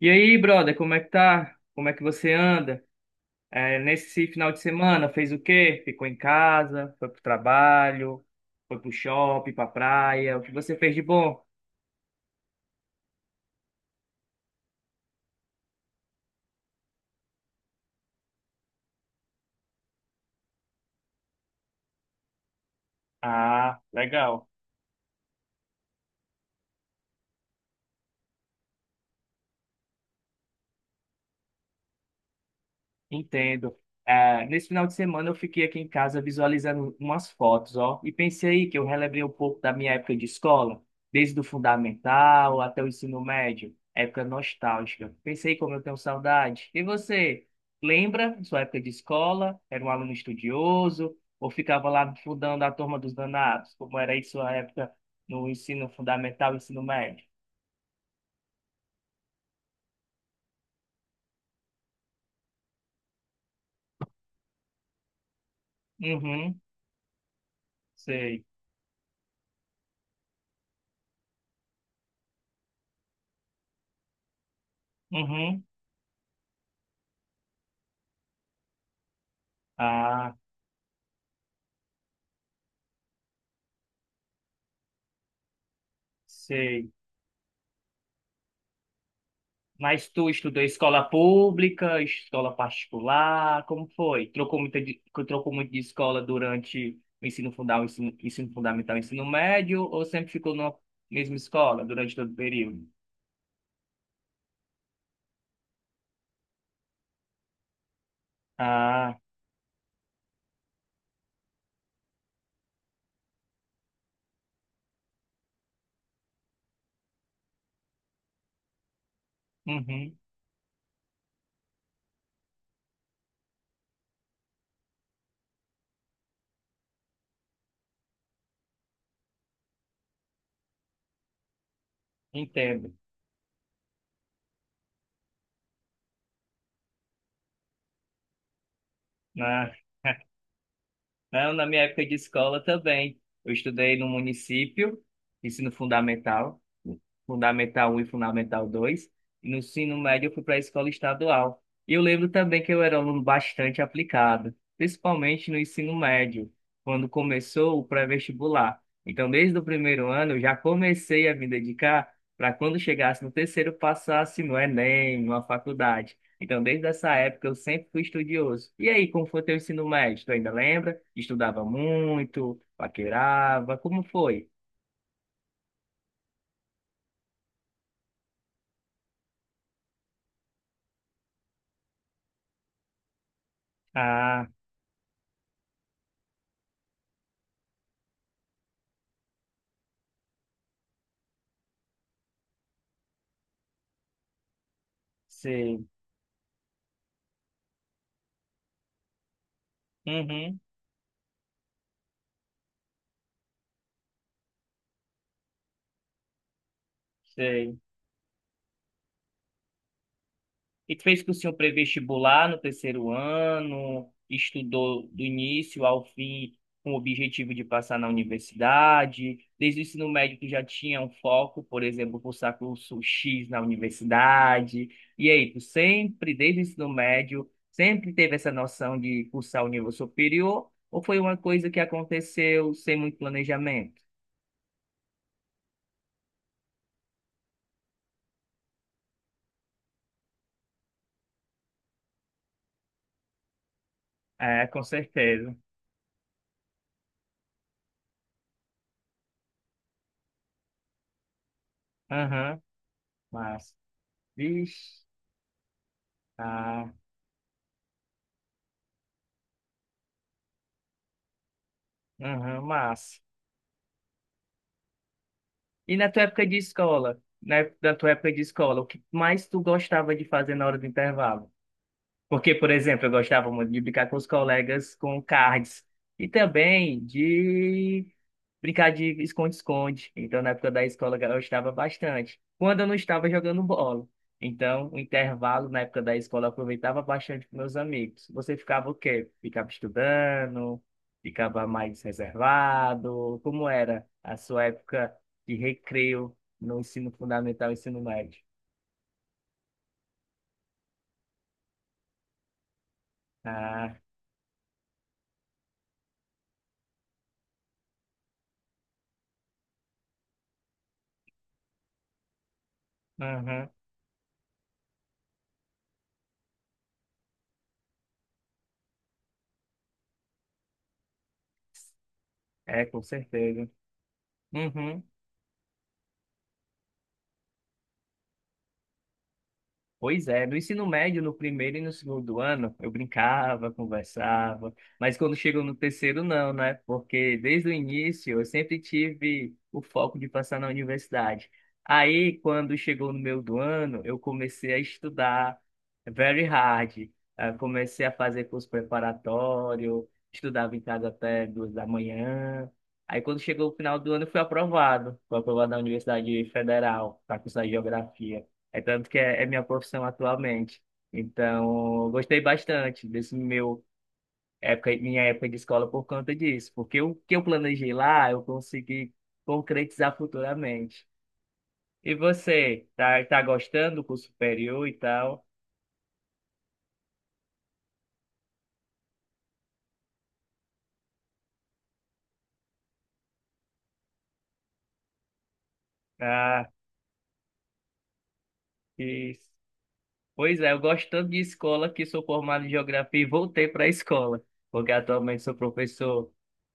E aí, brother, como é que tá? Como é que você anda? É, nesse final de semana, fez o quê? Ficou em casa, foi pro trabalho, foi pro shopping, pra praia, o que você fez de bom? Ah, legal. Entendo. Ah, nesse final de semana eu fiquei aqui em casa visualizando umas fotos, ó, e pensei que eu relembrei um pouco da minha época de escola, desde o fundamental até o ensino médio, época nostálgica. Pensei como eu tenho saudade. E você, lembra sua época de escola? Era um aluno estudioso ou ficava lá fundando a turma dos danados? Como era aí sua época no ensino fundamental e ensino médio? Uhum, sei. Uhum, ah, sei. Mas tu estudou escola pública, escola particular, como foi? Trocou muito de escola durante o ensino fundamental, ensino fundamental, ensino médio, ou sempre ficou na mesma escola durante todo o período? Ah, uhum, entendo. Né? Não, na minha época de escola também. Eu estudei no município, ensino fundamental, fundamental um e fundamental 2 e no ensino médio eu fui para a escola estadual. E eu lembro também que eu era um aluno bastante aplicado, principalmente no ensino médio, quando começou o pré-vestibular. Então, desde o primeiro ano, eu já comecei a me dedicar para quando chegasse no terceiro, passasse no Enem, numa faculdade. Então, desde essa época, eu sempre fui estudioso. E aí, como foi teu ensino médio? Tu ainda lembra? Estudava muito, paquerava, como foi? Ah, sei. Uhum, sei. E tu fez cursinho pré-vestibular no terceiro ano, estudou do início ao fim com o objetivo de passar na universidade. Desde o ensino médio tu já tinha um foco, por exemplo, cursar curso X na universidade. E aí, tu sempre, desde o ensino médio, sempre teve essa noção de cursar o nível superior, ou foi uma coisa que aconteceu sem muito planejamento? É, com certeza. Aham, mas, vixe, ah, aham, mas. E na tua época de escola, né? Na tua época de escola, o que mais tu gostava de fazer na hora do intervalo? Porque, por exemplo, eu gostava muito de brincar com os colegas com cards e também de brincar de esconde-esconde. Então, na época da escola, eu gostava bastante. Quando eu não estava jogando bola. Então, o intervalo na época da escola eu aproveitava bastante com meus amigos. Você ficava o quê? Ficava estudando? Ficava mais reservado? Como era a sua época de recreio no ensino fundamental e ensino médio? Ah, aham, é, com certeza. Uhum. Pois é, no ensino médio, no primeiro e no segundo ano, eu brincava, conversava, mas quando chegou no terceiro, não, né? Porque desde o início eu sempre tive o foco de passar na universidade. Aí, quando chegou no meio do ano, eu comecei a estudar very hard. Ah, comecei a fazer curso preparatório, estudava em casa até 2h da manhã. Aí, quando chegou o final do ano, eu fui aprovado. Fui aprovado na Universidade Federal para cursar Geografia. É tanto que é minha profissão atualmente. Então, eu gostei bastante minha época de escola por conta disso, porque o que eu planejei lá, eu consegui concretizar futuramente. E você, tá gostando do curso superior e tal? Ah, isso. Pois é, eu gosto tanto de escola que sou formado em geografia e voltei para a escola, porque atualmente sou professor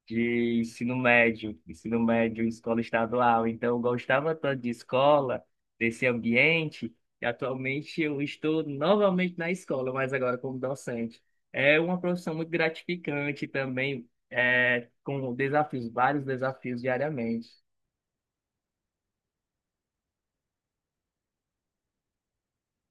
de ensino médio em escola estadual. Então, eu gostava tanto de escola, desse ambiente, e atualmente eu estou novamente na escola, mas agora como docente. É uma profissão muito gratificante também, é, com desafios, vários desafios diariamente.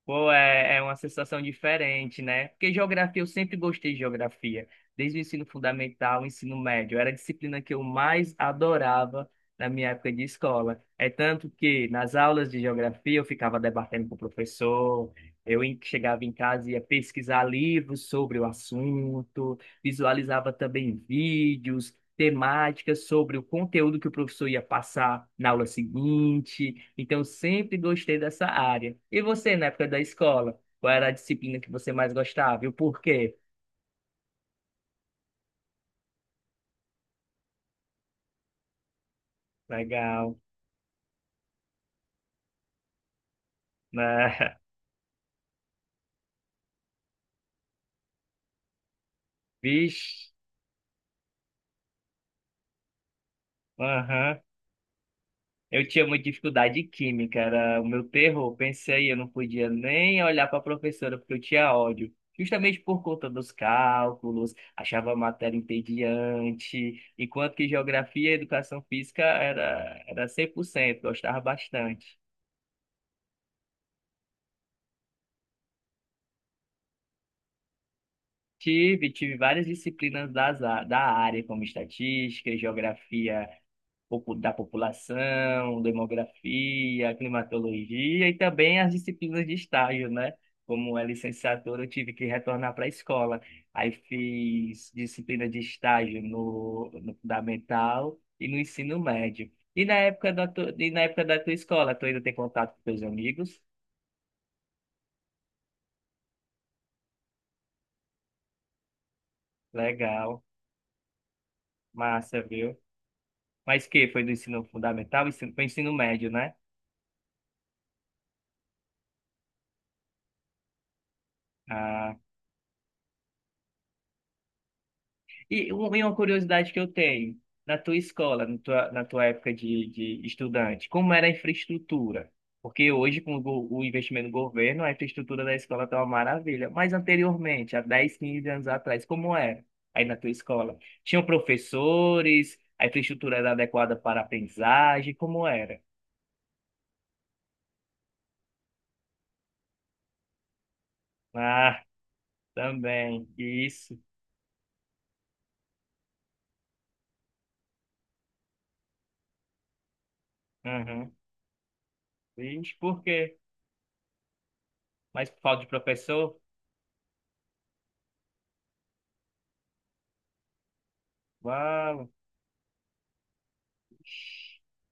Pô, é, é uma sensação diferente, né? Porque geografia, eu sempre gostei de geografia, desde o ensino fundamental, o ensino médio. Era a disciplina que eu mais adorava na minha época de escola. É tanto que nas aulas de geografia eu ficava debatendo com o professor, chegava em casa e ia pesquisar livros sobre o assunto, visualizava também vídeos, temáticas, sobre o conteúdo que o professor ia passar na aula seguinte. Então, sempre gostei dessa área. E você, na época da escola, qual era a disciplina que você mais gostava e o porquê? Legal, né? Vixe, aham. Eu tinha muita dificuldade de química, era o meu terror. Pensei, eu não podia nem olhar para a professora porque eu tinha ódio. Justamente por conta dos cálculos, achava a matéria entediante, enquanto que geografia e educação física era, era 100% gostava bastante. Tive, tive várias disciplinas da área, como estatística, geografia pouco da população, demografia, climatologia e também as disciplinas de estágio, né? Como é licenciatura, eu tive que retornar para a escola. Aí fiz disciplina de estágio no fundamental e no ensino médio. E na época e na época da tua escola, tu ainda tem contato com teus amigos? Legal, massa, viu? Mas que foi do ensino fundamental, ensino, foi ensino médio, né? Ah, e uma curiosidade que eu tenho, na tua escola, na tua época de estudante, como era a infraestrutura? Porque hoje, com o, o investimento do governo, a infraestrutura da escola está uma maravilha. Mas anteriormente, há 10 15 anos atrás, como era aí na tua escola? Tinham professores, a infraestrutura era adequada para a aprendizagem, como era? Ah, também, isso. Uhum. Vixe, por quê? Mas por falta de professor?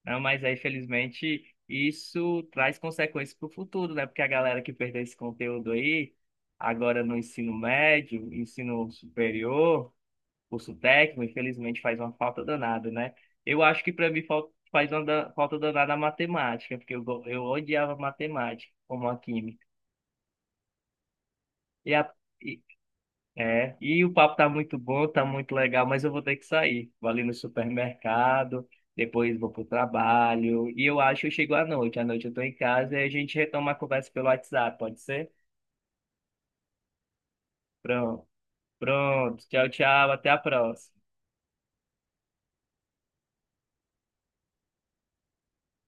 Não, mas aí, felizmente, isso traz consequências para o futuro, né? Porque a galera que perdeu esse conteúdo aí, agora no ensino médio, ensino superior, curso técnico, infelizmente faz uma falta danada, né? Eu acho que para mim faz uma falta danada a matemática, porque eu odiava matemática, como a química. É, e o papo tá muito bom, tá muito legal, mas eu vou ter que sair. Vou ali no supermercado, depois vou pro trabalho, e eu acho que eu chego à noite. À noite eu tô em casa e a gente retoma a conversa pelo WhatsApp, pode ser? Pronto, pronto. Tchau, tchau, até a próxima.